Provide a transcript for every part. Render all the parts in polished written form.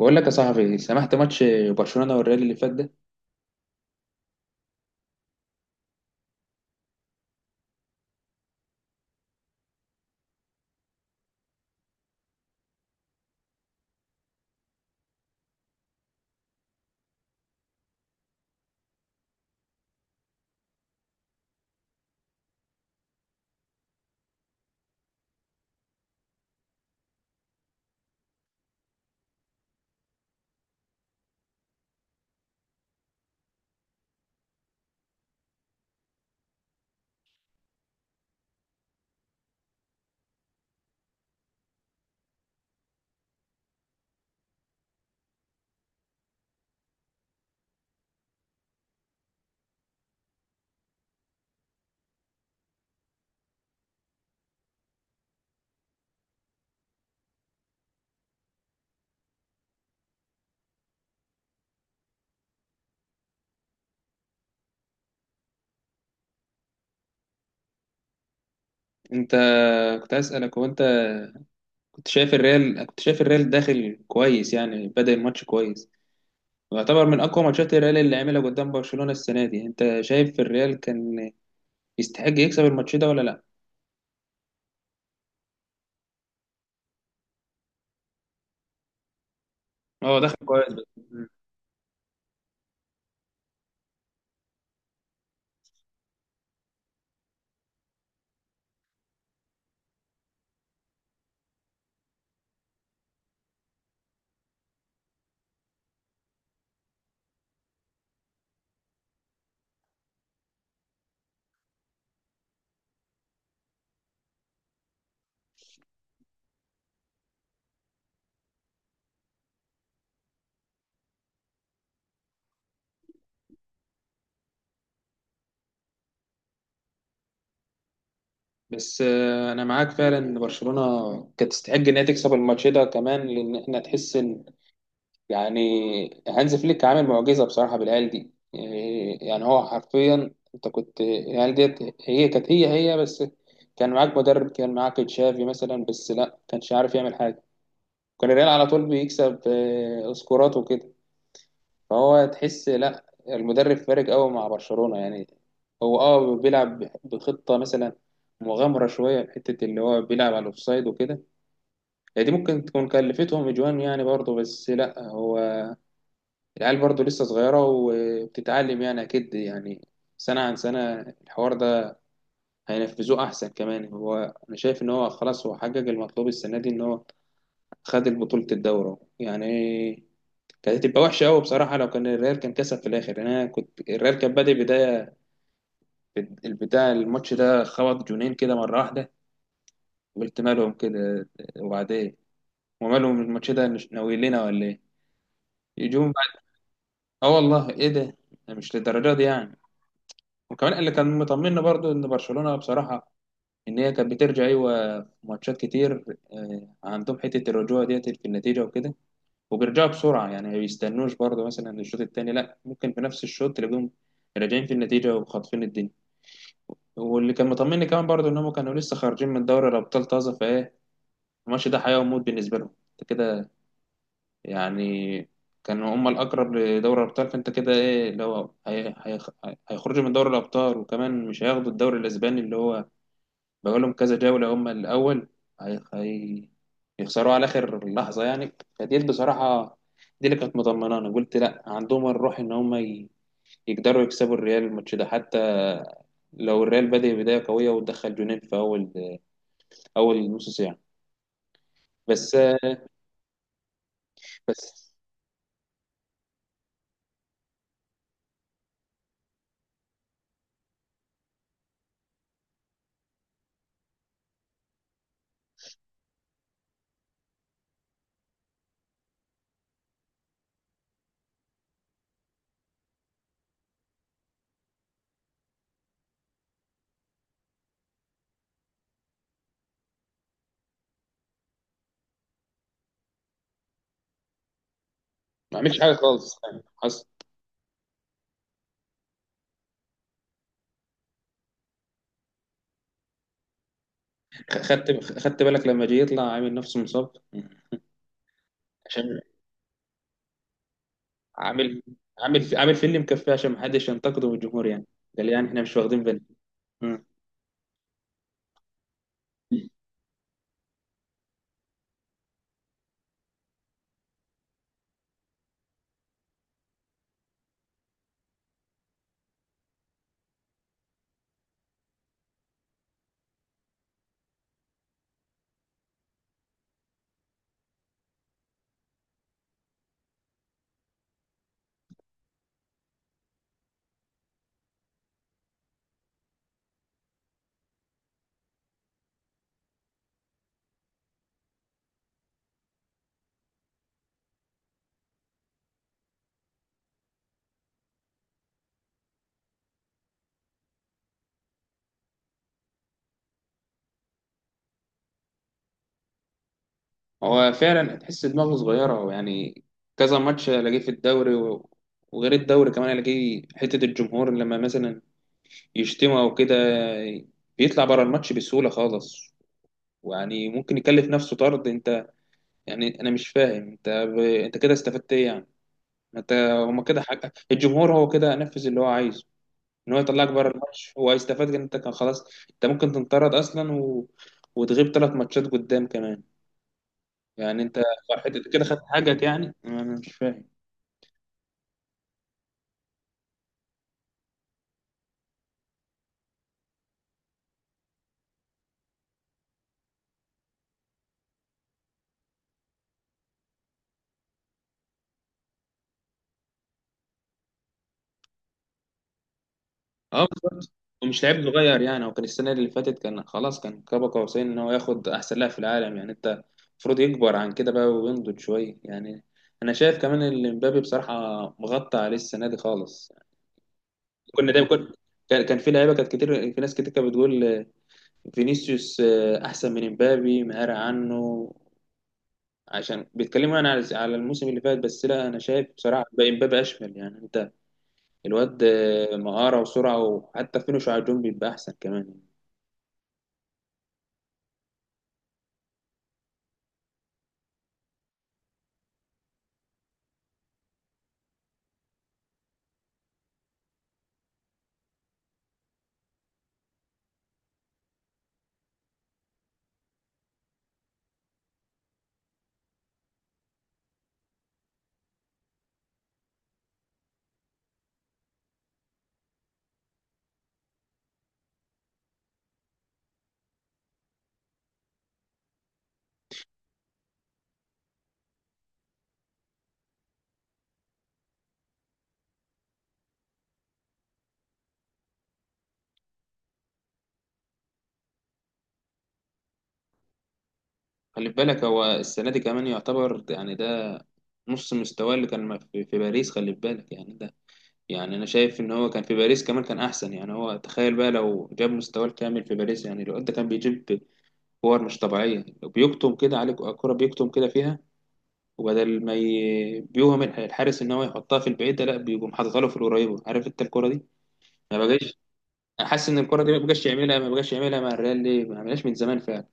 بقول لك يا صاحبي سمحت ماتش برشلونة والريال اللي فات ده. انت كنت عايز اسالك، هو انت كنت شايف الريال داخل كويس، يعني بدأ الماتش كويس ويعتبر من اقوى ماتشات الريال اللي عملها قدام برشلونة السنة دي. انت شايف الريال كان يستحق يكسب الماتش ده ولا لا؟ هو داخل كويس بس. انا معاك فعلا ان برشلونة كانت تستحق ان هي تكسب الماتش ده كمان، لان احنا تحس ان يعني هانز فليك عامل معجزة بصراحة بالعيال دي، يعني هو حرفيا انت كنت العيال ديت هي كانت هي بس. كان معاك مدرب، كان معاك تشافي مثلا، بس لا كانش عارف يعمل حاجة. كان الريال على طول بيكسب سكورات وكده. فهو تحس لا، المدرب فارق قوي مع برشلونة يعني. هو اه بيلعب بخطة مثلا مغامرة شوية، في حتة اللي هو بيلعب على الأوفسايد وكده. هي دي ممكن تكون كلفتهم أجوان يعني برضه، بس لا هو العيال برضو لسه صغيرة وبتتعلم يعني، أكيد يعني سنة عن سنة الحوار ده هينفذوه أحسن كمان. أنا شايف إن هو خلاص، هو حقق المطلوب السنة دي إن هو خد بطولة الدورة يعني. كانت هتبقى وحشة أوي بصراحة لو كان الريال كان كسب في الآخر يعني. أنا كنت الريال كان بادئ بداية، الماتش ده خبط جونين كده مرة واحدة، قلت مالهم كده، وبعدين ومالهم الماتش ده ناويين لنا ولا إيه؟ يجوم بعد آه والله إيه ده؟ مش للدرجة دي يعني. وكمان اللي كان مطمنا برضو ان برشلونه بصراحه، ان هي كانت بترجع ايوه في ماتشات كتير. عندهم حته الرجوع ديت في النتيجه وكده، وبيرجعوا بسرعه يعني، ما بيستنوش برضو مثلا الشوط الثاني، لا ممكن في نفس الشوط تلاقيهم راجعين في النتيجه وخاطفين الدنيا. واللي كان مطمني كمان برضو ان هم كانوا لسه خارجين من دوري الابطال طازه، فايه الماتش ده حياه وموت بالنسبه لهم، انت كده يعني. كانوا هم الاقرب لدوري الابطال، فانت كده ايه اللي هو هيخرجوا من دوري الابطال، وكمان مش هياخدوا الدوري الاسباني اللي هو بقول لهم كذا جولة هم الأول، هي... هي... يخسروا على آخر لحظة يعني. فدي بصراحة، دي اللي كانت مطمنانة، قلت لا عندهم الروح إن هم يقدروا يكسبوا الريال الماتش ده، حتى لو الريال بدأ بداية قوية ودخل جونين في أول نص ساعة بس. بس ما عملش حاجة خالص يعني. حصل. خدت بالك لما جه يطلع عامل نفسه مصاب؟ عشان عامل عامل فيلم مكفيه عشان محدش ينتقده من الجمهور يعني، قال يعني احنا مش واخدين بالنا. مم. هو فعلا تحس دماغه صغيرة هو يعني، كذا ماتش الاقيه في الدوري وغير الدوري كمان الاقيه حتة الجمهور لما مثلا يشتمه او كده بيطلع بره الماتش بسهولة خالص، ويعني ممكن يكلف نفسه طرد. انت يعني انا مش فاهم انت انت كده استفدت ايه يعني؟ ما انت هما كده حاجة الجمهور، هو كده نفذ اللي هو عايزه ان هو يطلعك بره الماتش، هو هيستفاد ان انت كان خلاص. انت ممكن تنطرد اصلا وتغيب ثلاث ماتشات قدام كمان يعني. انت حته كده خدت حاجك، يعني انا مش فاهم. اه بالظبط. ومش لعيب صغير يعني، هو كان السنه اللي فاتت كان خلاص، كان كبا قوسين ان هو ياخد احسن لاعب في العالم يعني. انت المفروض يكبر عن كده بقى وينضج شويه يعني. انا شايف كمان ان مبابي بصراحه مغطى عليه السنه دي خالص يعني. كنا دايما كان في لعيبه كانت كتير، في ناس كتير كانت بتقول فينيسيوس احسن من مبابي مهارة عنه، عشان بيتكلموا انا على الموسم اللي فات. بس لا انا شايف بصراحه بقى مبابي اشمل يعني. انت الواد مهارة وسرعة وحتى فينش على الجون بيبقى أحسن كمان يعني. خلي بالك هو السنة دي كمان يعتبر يعني ده نص مستواه اللي كان في باريس، خلي بالك يعني ده يعني. أنا شايف إن هو كان في باريس كمان كان أحسن يعني، هو تخيل بقى لو جاب مستواه الكامل في باريس يعني، الواد ده كان بيجيب كور مش طبيعية، بيكتم كده عليك الكرة، بيكتم كده فيها. وبدل ما بيوهم الحارس إن هو يحطها في البعيدة لا بيقوم حاططها له في القريبة. عارف أنت الكرة دي؟ ما بجاش. انا حاسس ان الكره دي ما بقاش يعملها، ما بقاش يعملها مع الريال، ليه ما عملهاش من زمان فعلا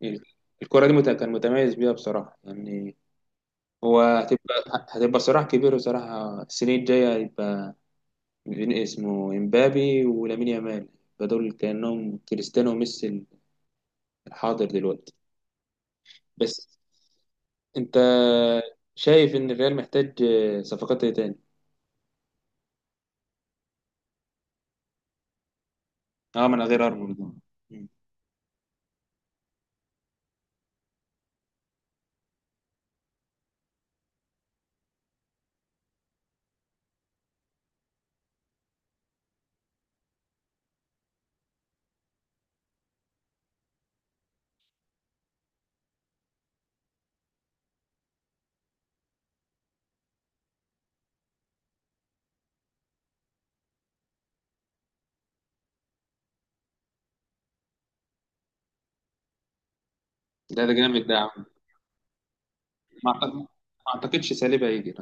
يعني. الكره دي كان متميز بيها بصراحه يعني. هتبقى هتبقى صراع كبير بصراحه السنين الجايه، هيبقى بين اسمه امبابي ولامين يامال، يبقى دول كانهم كريستيانو وميسي الحاضر دلوقتي. بس انت شايف ان الريال محتاج صفقات ايه تاني؟ اه من غير ارنولد. ده جامد ده يا عم. ما اعتقدش ساليبا هيجي.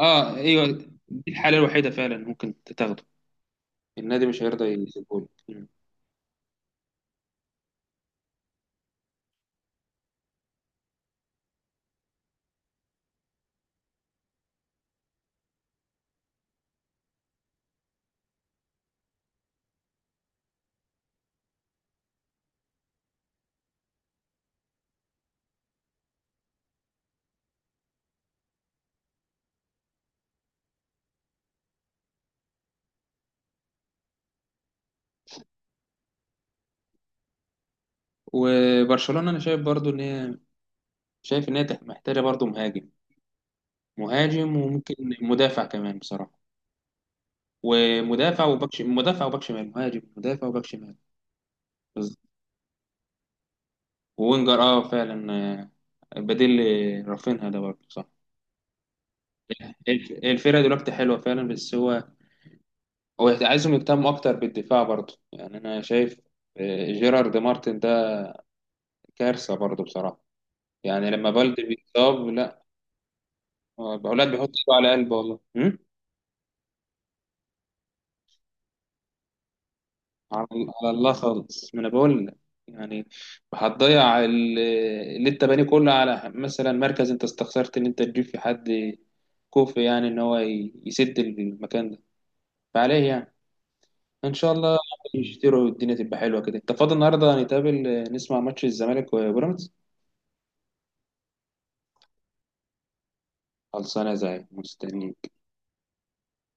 اه ايوه. دي الحاله الوحيده فعلا ممكن تاخده، النادي مش هيرضى يسيبهولك. مم. وبرشلونه انا شايف برضو ان هي، شايف ان هي محتاجه برضو مهاجم، مهاجم وممكن مدافع كمان بصراحه، ومدافع وباك شمال، مدافع وباك شمال، مهاجم مدافع وباك شمال. بز- ووينجر اه فعلا، بديل رافينها ده برضه صح. الفرقه دلوقتي حلوه فعلا، بس هو، هو عايزهم يهتموا اكتر بالدفاع برضه يعني. انا شايف جيرارد مارتن ده كارثه برضه بصراحه يعني، لما بلدي بيتصاب لا، هو اولاد بيحط ايده على قلبه والله. على على الله خالص، ما انا بقول لك يعني، هتضيع اللي انت بانيه كله على مثلا مركز، انت استخسرت ان انت تجيب في حد كوفي يعني ان هو يسد المكان ده فعليه يعني. ان شاء الله يشتروا والدنيا تبقى حلوه كده. انت فاضي النهارده نتقابل، نسمع ماتش الزمالك وبيراميدز؟ خلصانه زي مستنيين.